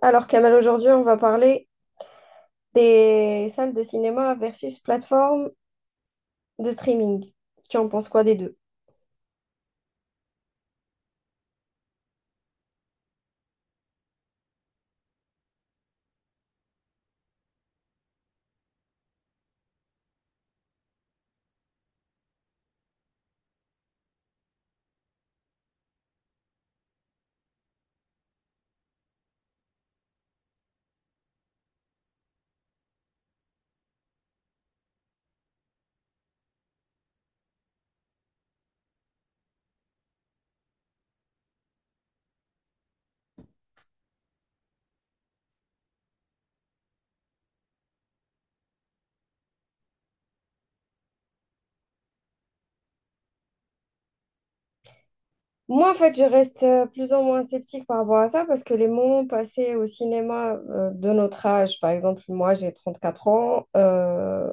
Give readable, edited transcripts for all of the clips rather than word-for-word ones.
Alors, Kamal, aujourd'hui, on va parler des salles de cinéma versus plateformes de streaming. Tu en penses quoi des deux? Moi, en fait, je reste plus ou moins sceptique par rapport à ça parce que les moments passés au cinéma de notre âge, par exemple, moi, j'ai 34 ans,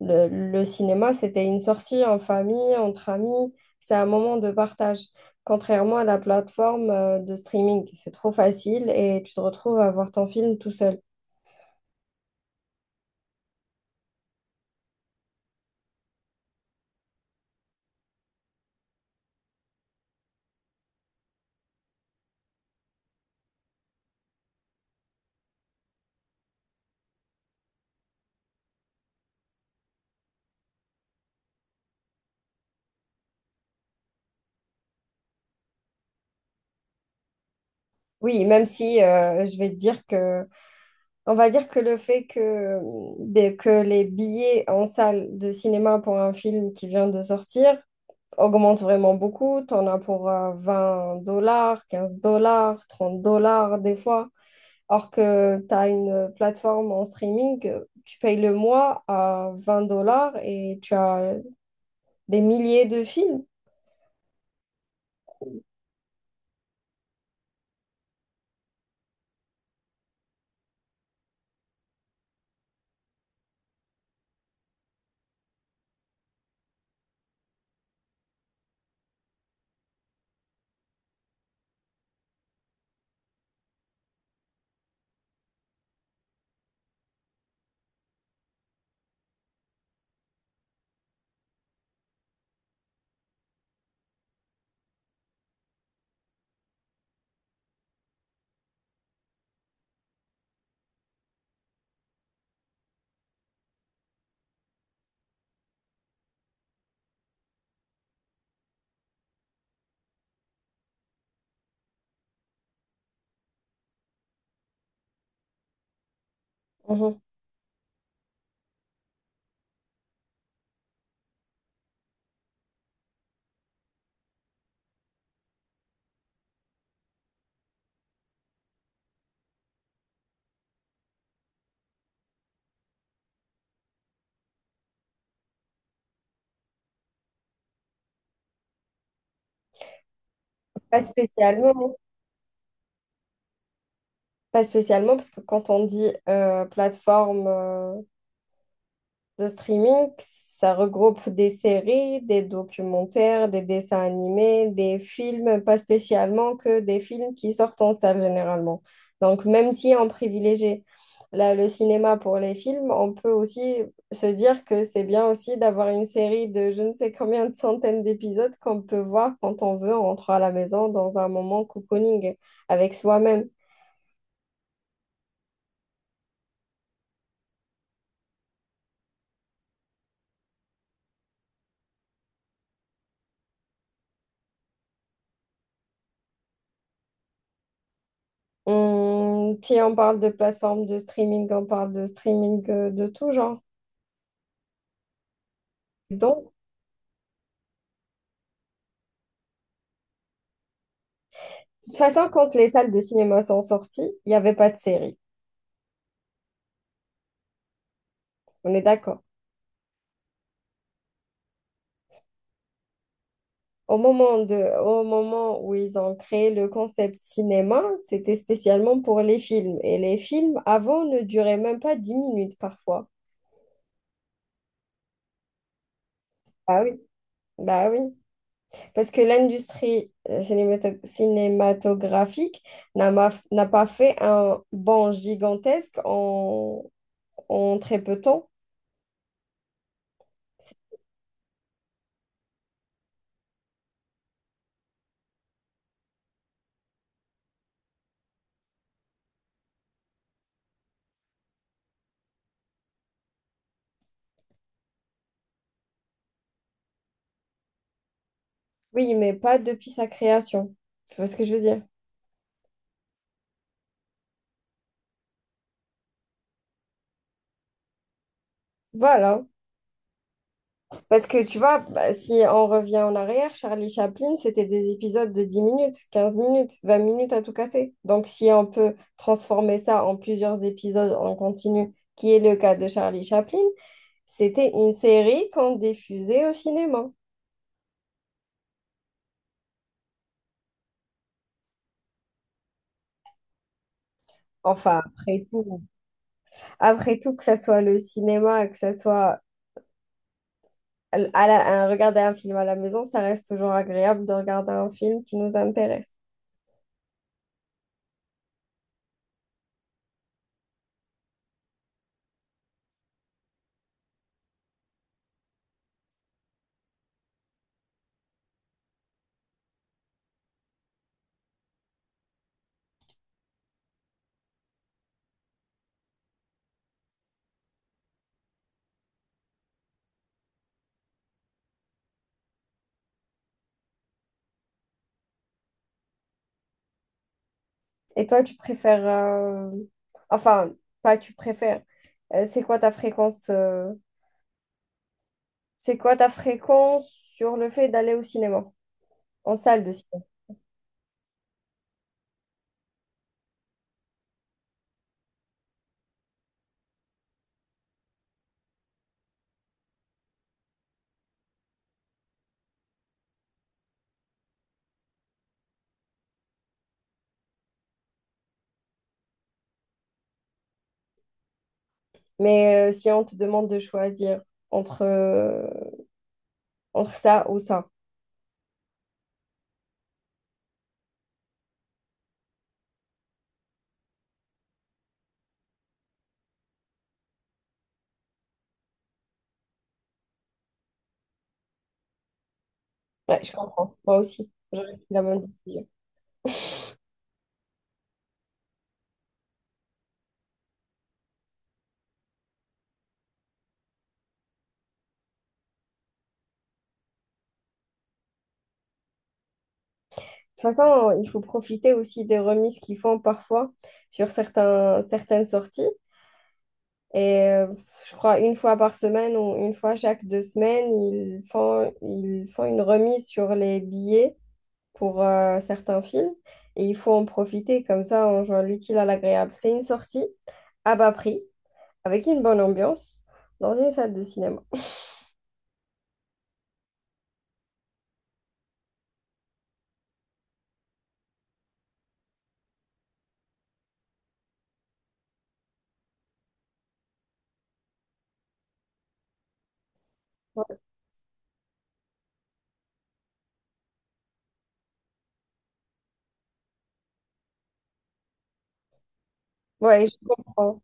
Le cinéma, c'était une sortie en famille, entre amis. C'est un moment de partage. Contrairement à la plateforme de streaming, c'est trop facile et tu te retrouves à voir ton film tout seul. Oui, même si je vais te dire que, on va dire que le fait que, que les billets en salle de cinéma pour un film qui vient de sortir augmentent vraiment beaucoup. Tu en as pour 20 dollars, 15 dollars, 30 dollars des fois. Alors que tu as une plateforme en streaming, tu payes le mois à 20 dollars et tu as des milliers de films. Mhm. Pas spécialement. Pas spécialement, parce que quand on dit plateforme le streaming, ça regroupe des séries, des documentaires, des dessins animés, des films, pas spécialement que des films qui sortent en salle généralement. Donc, même si on privilégie le cinéma pour les films, on peut aussi se dire que c'est bien aussi d'avoir une série de je ne sais combien de centaines d'épisodes qu'on peut voir quand on veut en rentrant à la maison dans un moment cocooning avec soi-même. Si on parle de plateforme de streaming, on parle de streaming de tout genre. Donc, toute façon, quand les salles de cinéma sont sorties, il n'y avait pas de série. On est d'accord. Au moment de, au moment où ils ont créé le concept cinéma, c'était spécialement pour les films. Et les films, avant, ne duraient même pas dix minutes parfois. Ah oui. Bah oui. Parce que l'industrie cinématographique n'a pas fait un bond gigantesque en très peu de temps. Oui, mais pas depuis sa création. Tu vois ce que je veux dire? Voilà. Parce que tu vois, bah, si on revient en arrière, Charlie Chaplin, c'était des épisodes de 10 minutes, 15 minutes, 20 minutes à tout casser. Donc si on peut transformer ça en plusieurs épisodes en continu, qui est le cas de Charlie Chaplin, c'était une série qu'on diffusait au cinéma. Enfin, après tout, que ça soit le cinéma, que ça soit à regarder un film à la maison, ça reste toujours agréable de regarder un film qui nous intéresse. Et toi, tu préfères enfin, pas tu préfères. euh, c'est quoi ta fréquence euh, C'est quoi ta fréquence sur le fait d'aller au cinéma? En salle de cinéma. Mais si on te demande de choisir entre, entre ça ou ça, ouais, je comprends. Moi aussi, j'aurais pris la même décision. Toute façon, il faut profiter aussi des remises qu'ils font parfois sur certaines sorties. Et je crois une fois par semaine ou une fois chaque deux semaines, ils font une remise sur les billets pour certains films. Et il faut en profiter comme ça en jouant l'utile à l'agréable. C'est une sortie à bas prix, avec une bonne ambiance, dans une salle de cinéma. Ouais, je comprends.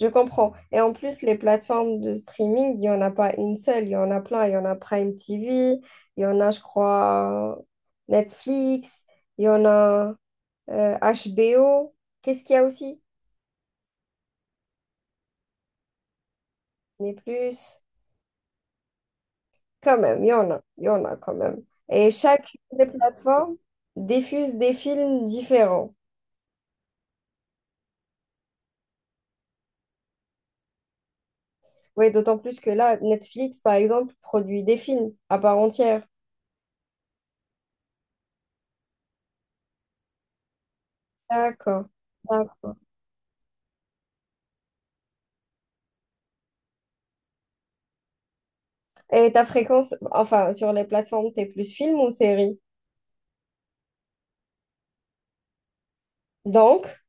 Je comprends. Et en plus, les plateformes de streaming, il n'y en a pas une seule, il y en a plein. Il y en a Prime TV, il y en a, je crois, Netflix, il y en a HBO. Qu'est-ce qu'il y a aussi? Mais plus, quand même, il y en a quand même. Et chacune des plateformes diffuse des films différents. Oui, d'autant plus que là, Netflix, par exemple, produit des films à part entière. D'accord, d'accord. Et ta fréquence, enfin, sur les plateformes, t'es plus film ou série? Donc,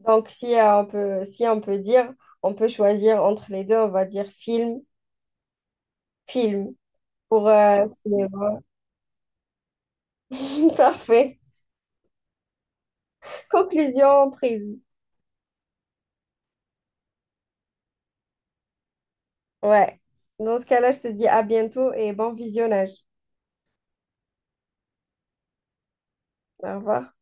donc si si on peut dire, on peut choisir entre les deux, on va dire film pour cinéma. Parfait. Conclusion prise. Ouais. Dans ce cas-là, je te dis à bientôt et bon visionnage. Au revoir.